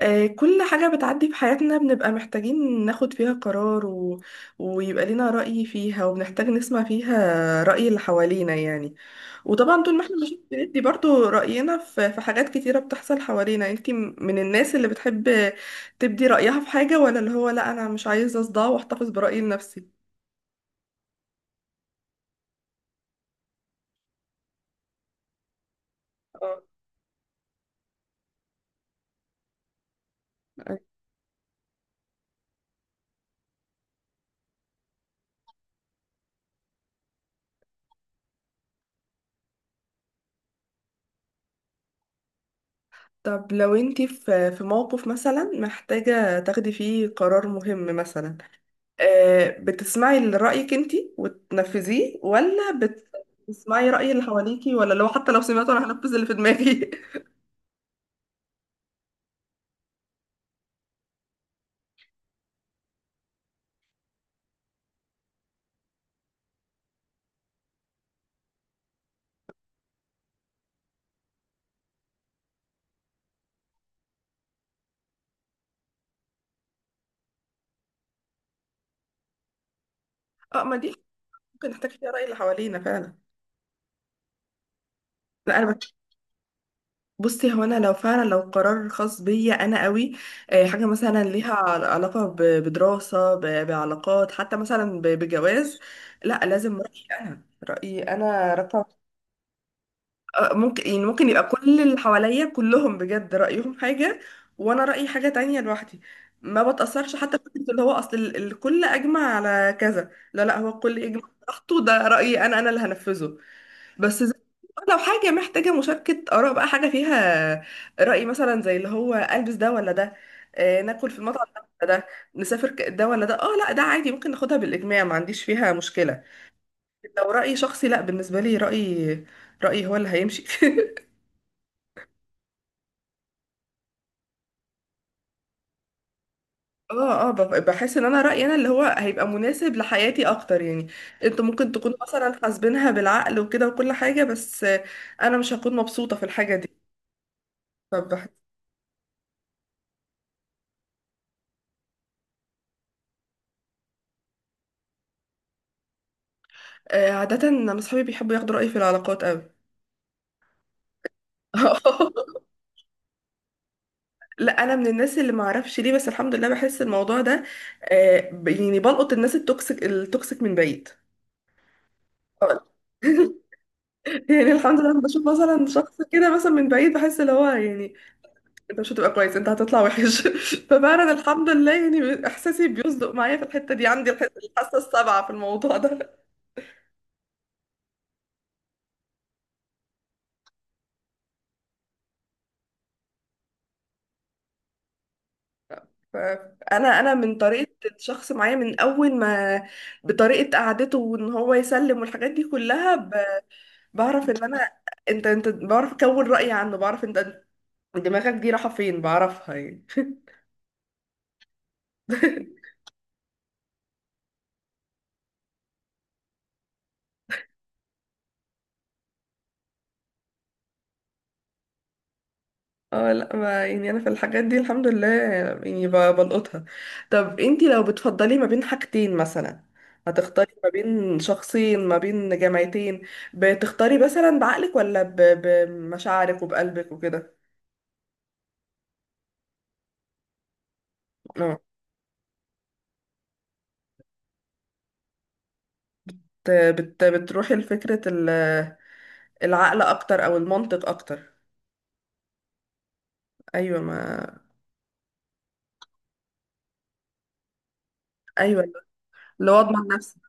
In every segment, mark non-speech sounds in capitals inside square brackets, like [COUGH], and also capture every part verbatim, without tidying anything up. آه، كل حاجة بتعدي في حياتنا بنبقى محتاجين ناخد فيها قرار و... ويبقى لنا رأي فيها وبنحتاج نسمع فيها رأي اللي حوالينا يعني. وطبعا طول ما احنا مش بندي برضو رأينا في... في حاجات كتيرة بتحصل حوالينا، انتي م- من الناس اللي بتحب تبدي رأيها في حاجة، ولا اللي هو لا أنا مش عايزة أصدع وأحتفظ برأيي لنفسي؟ اه. طب لو انتي في في موقف مثلا محتاجة تاخدي فيه قرار مهم مثلا، آه، بتسمعي لرأيك انتي وتنفذيه، ولا بت- بتسمعي رأي اللي حواليكي، ولا لو حتى لو سمعته انا هنفذ اللي في دماغي؟ [LAUGHS] اه، ما دي ممكن نحتاج فيها رأي اللي حوالينا فعلا. لا انا بك... بصي، هو انا لو فعلا لو قرار خاص بيا انا قوي، آه، حاجة مثلا ليها عل- علاقة ب- بدراسة، ب- بعلاقات، حتى مثلا ب- بجواز، لا لازم رأيي انا. رأيي انا رقم. آه، ممكن يعني ممكن يبقى كل اللي حواليا كلهم بجد رأيهم حاجة، وانا رأيي حاجة تانية لوحدي. ما بتأثرش حتى بفكرة اللي هو اصل ال- الكل اجمع على كذا، لا لا هو الكل يجمع براحته، ده رأيي انا انا اللي هنفذه. بس زي- لو حاجة محتاجة مشاركة آراء بقى، حاجة فيها رأي، مثلا زي اللي هو ألبس ده ولا ده، آه، ناكل في المطعم ده ولا ده، نسافر ك- ده ولا ده، اه لا ده عادي، ممكن ناخدها بالإجماع، ما عنديش فيها مشكلة. لو رأي شخصي، لا بالنسبة لي رأيي، رأيي هو اللي هيمشي. [LAUGHS] اه اه، بف- بحس ان انا رأيي انا اللي هو هيبقى مناسب لحياتي اكتر يعني. انتوا ممكن تكون مثلا حاسبينها بالعقل وكده وكل حاجة، بس آه، انا مش هكون مبسوطة في الحاجة دي. فبح... آه، عادة انا اصحابي بيحبوا ياخدوا رأيي في العلاقات قوي. [LAUGHS] لا انا من الناس اللي ما اعرفش ليه، بس الحمد لله بحس الموضوع ده، آه، ب- يعني بلقط الناس التوكسيك التوكسيك من بعيد. [LAUGHS] يعني الحمد لله، لما بشوف مثلا شخص كده مثلا من بعيد، بحس اللي هو يعني انت مش هتبقى كويس، انت هتطلع وحش. [LAUGHS] ففعلا الحمد لله، يعني احساسي بيصدق معايا في الحته دي. عندي الحس- الحاسه السابعه في الموضوع ده. فانا انا من طريقه الشخص معايا من اول ما، بطريقه قعدته وان هو يسلم والحاجات دي كلها ب... بعرف ان انا، انت انت بعرف اكون رايي عنه، بعرف انت دماغك دي رايحه فين، بعرفها يعني. [LAUGHS] اه لا، ما يعني انا في الحاجات دي الحمد لله يعني ب- بلقطها. طب انتي لو بتفضلي ما بين حاجتين مثلا، هتختاري ما بين شخصين، ما بين جامعتين، بتختاري مثلا بعقلك، ولا ب- بمشاعرك وبقلبك وكده؟ اه بت بت- بتروحي لفكرة ال- العقل اكتر او المنطق اكتر. ايوه ما [LAUGHS] ايوه، اللي هو اضمن نفسي.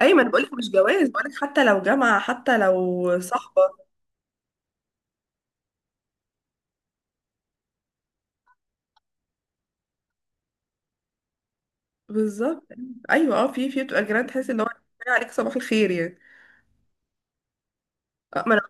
ايوه، ما انا بقولك مش جواز، بقولك حتى لو جامعة، حتى لو صاحبة. بالظبط. ايوه اه، في في بتبقى جيران تحس ان هو عليك صباح الخير يعني. آه، ما أنا،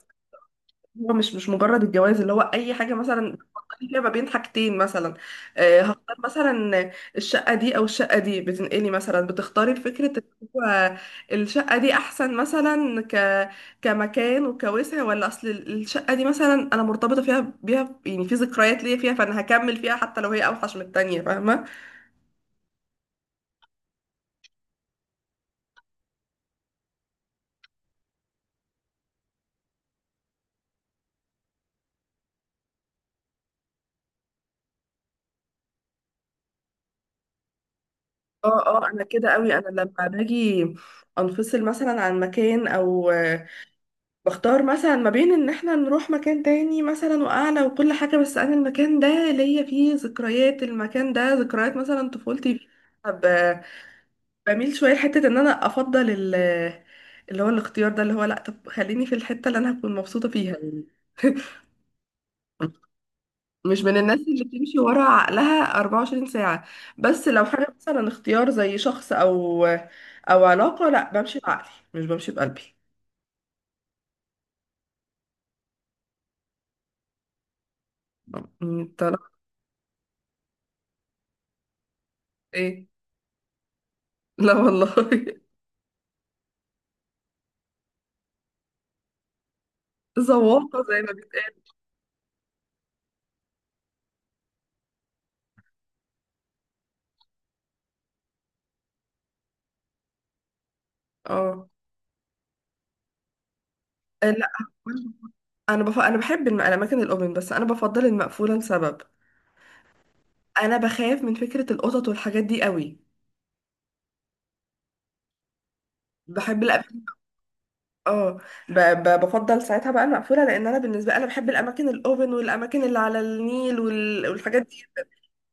هو مش مش مجرد الجواز، اللي هو اي حاجه مثلا بتفضلي فيها ما بين حاجتين مثلا، آه، هختار مثلا الشقه دي او الشقه دي، بتنقلي مثلا بتختاري فكره إن هو الشقه دي احسن مثلا، ك كمكان وكوسع، ولا اصل الشقه دي مثلا انا مرتبطه فيها بيها يعني، في ذكريات ليا فيها، فانا هكمل فيها حتى لو هي اوحش من التانيه، فاهمه؟ اه اه، انا كده قوي. انا لما باجي انفصل مثلا عن مكان او آه، بختار مثلا ما بين ان احنا نروح مكان تاني مثلا واعلى وكل حاجة، بس انا المكان ده ليا فيه ذكريات، المكان ده ذكريات مثلا طفولتي فيه. طب آه، بميل شوية لحتة ان انا افضل ال- اللي هو الاختيار ده، اللي هو لا طب خليني في الحتة اللي انا هكون مبسوطة فيها يعني. [LAUGHS] مش من الناس اللي بتمشي ورا عقلها 24 ساعة، بس لو حاجة مثلا اختيار زي شخص او او علاقة، لا بمشي بعقلي مش بمشي بقلبي. م- طلعت ايه. لا والله. [LAUGHS] ذواقة زي ما بيتقال. اه. آه، لا انا بف... انا بحب الم- الاماكن الاوبن، بس انا بفضل المقفولة لسبب. انا بخاف من فكرة القطط والحاجات دي قوي. بحب الاماكن. اه ب- ب- بفضل ساعتها بقى المقفوله، لان انا بالنسبه انا بحب الاماكن الاوفن والاماكن اللي على النيل وال- والحاجات دي،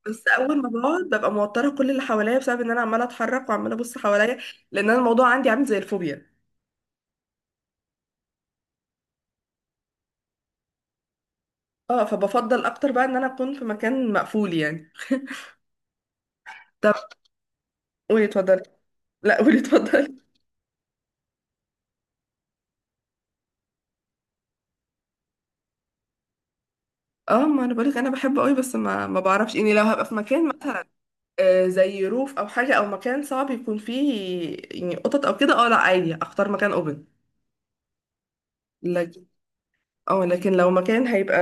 بس اول ما بقعد ببقى موتره كل اللي حواليا بسبب ان انا عماله اتحرك وعماله ابص حواليا، لان انا الموضوع عندي عامل زي الفوبيا. اه، فبفضل اكتر بقى ان انا اكون في مكان مقفول يعني. طب قولي اتفضلي. لا قولي اتفضلي. [LAUGHS] اه، ما انا بقولك انا بحبه قوي، بس ما ما بعرفش يعني، لو هبقى في مكان مثلا، آه، زي روف او حاجه او مكان صعب يكون فيه يعني قطط او كده، اه لا عادي اختار مكان اوبن. اه، لكن لو مكان هيبقى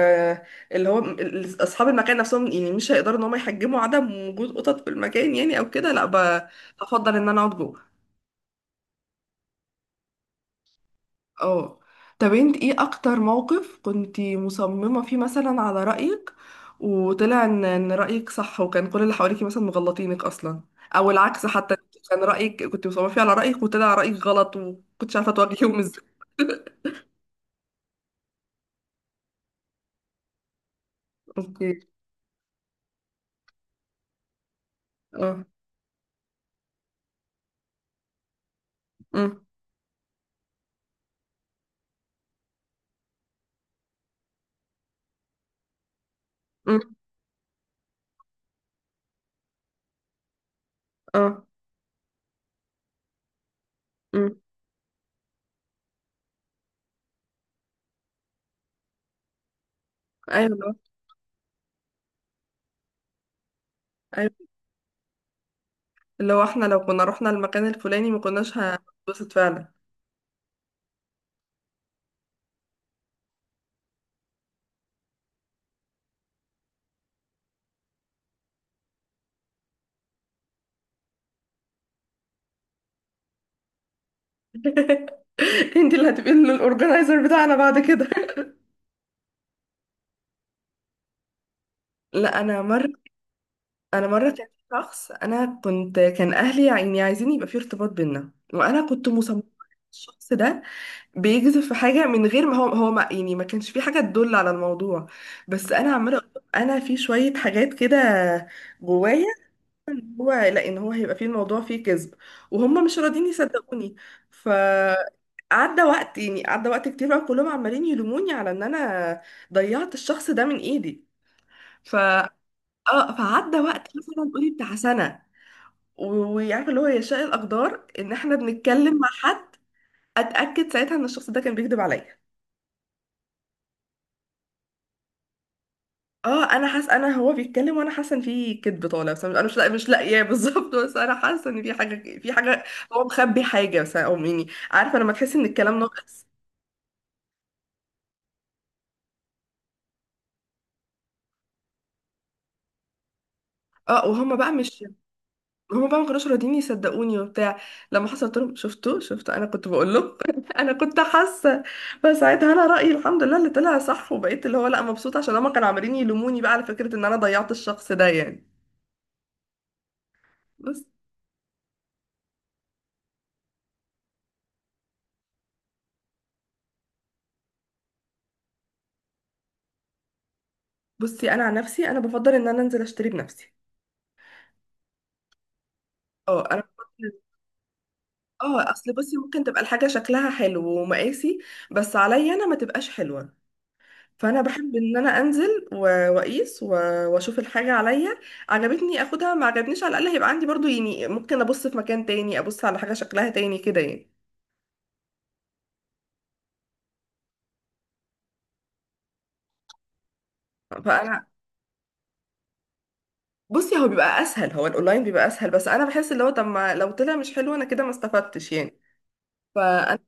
اللي هو ال- ال- اصحاب المكان نفسهم يعني مش هيقدروا ان هم يحجموا عدم وجود قطط في المكان يعني او كده، لا ب- بفضل ان انا اقعد جوه. اه. طب انت ايه اكتر موقف كنتي مصممة فيه مثلا على رأيك وطلع ان ان رأيك صح، وكان كل اللي حواليكي مثلا مغلطينك اصلا، او العكس حتى، كان رأيك كنت مصممة فيه على رأيك وطلع رأيك غلط، وكنتش عارفة تواجهيهم ازاي؟ [LAUGHS] اوكي. اه. امم. امم. اه. امم. ايوه. أيوه. اللي هو احنا لو كنا رحنا المكان الفلاني ما كناش هنتبسط فعلا. [LAUGHS] انت اللي هتبقي الاورجنايزر بتاعنا بعد كده. [LAUGHS] لا انا مره، انا مره كان في شخص، انا كنت كان اهلي يعني عايزين يبقى في ارتباط بينا، وانا كنت مصممه الشخص ده بيجذب في حاجه، من غير ما هو هو ما يعني ما كانش في حاجه تدل على الموضوع، بس انا عماله أقول له انا في شويه حاجات كده جوايا، إن هو لا ان هو هيبقى فيه الموضوع فيه كذب، وهم مش راضيين يصدقوني. ف عدى وقت يعني، عدى وقت كتير بقى كلهم عمالين يلوموني على ان انا ضيعت الشخص ده من ايدي. ف اه فعدى وقت مثلا قولي بتاع سنه، و- وعارفه اللي هو يشاء الاقدار ان احنا بنتكلم مع حد، اتاكد ساعتها ان الشخص ده كان بيكذب عليا. اه، انا حاسه انا هو بيتكلم وانا حاسه ان في كذب طالع، بس انا مش لا مش لاقياه. [LAUGHS] بالظبط، بس انا حاسه ان في حاجه في حاجه هو مخبي حاجه بس، او يعني عارفه لما تحس ان الكلام ناقص. اه، وهما بقى مش هما بقى ما كانوش راضيين يصدقوني وبتاع. لما حصلت لهم، شفتوا شفتوا انا كنت بقول لهم. [LAUGHS] انا كنت حاسه. فساعتها انا رايي الحمد لله اللي طلع صح، وبقيت اللي هو لا مبسوطه عشان هما كانوا عمالين يلوموني بقى على فكره ان انا ضيعت الشخص ده يعني. بس. بصي انا عن نفسي انا بفضل ان انا انزل اشتري بنفسي. اه انا اه اصل بصي، ممكن تبقى الحاجه شكلها حلو ومقاسي، بس عليا انا ما تبقاش حلوه، فانا بحب ان انا انزل و- واقيس و- واشوف الحاجه عليا، عجبتني اخدها، ما عجبنيش على الاقل هيبقى عندي برضو يعني، ممكن ابص في مكان تاني ابص على حاجه شكلها تاني كده يعني. فانا بصي هو بيبقى اسهل، هو الاونلاين بيبقى اسهل بس انا بحس اللي هو طب ما لو طلع مش حلو انا كده ما استفدتش يعني. فانا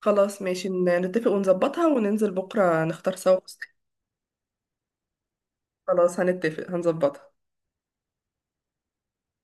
خلاص ماشي، ن- نتفق ونظبطها وننزل بكره نختار سوا فستان. خلاص هنتفق هنظبطها.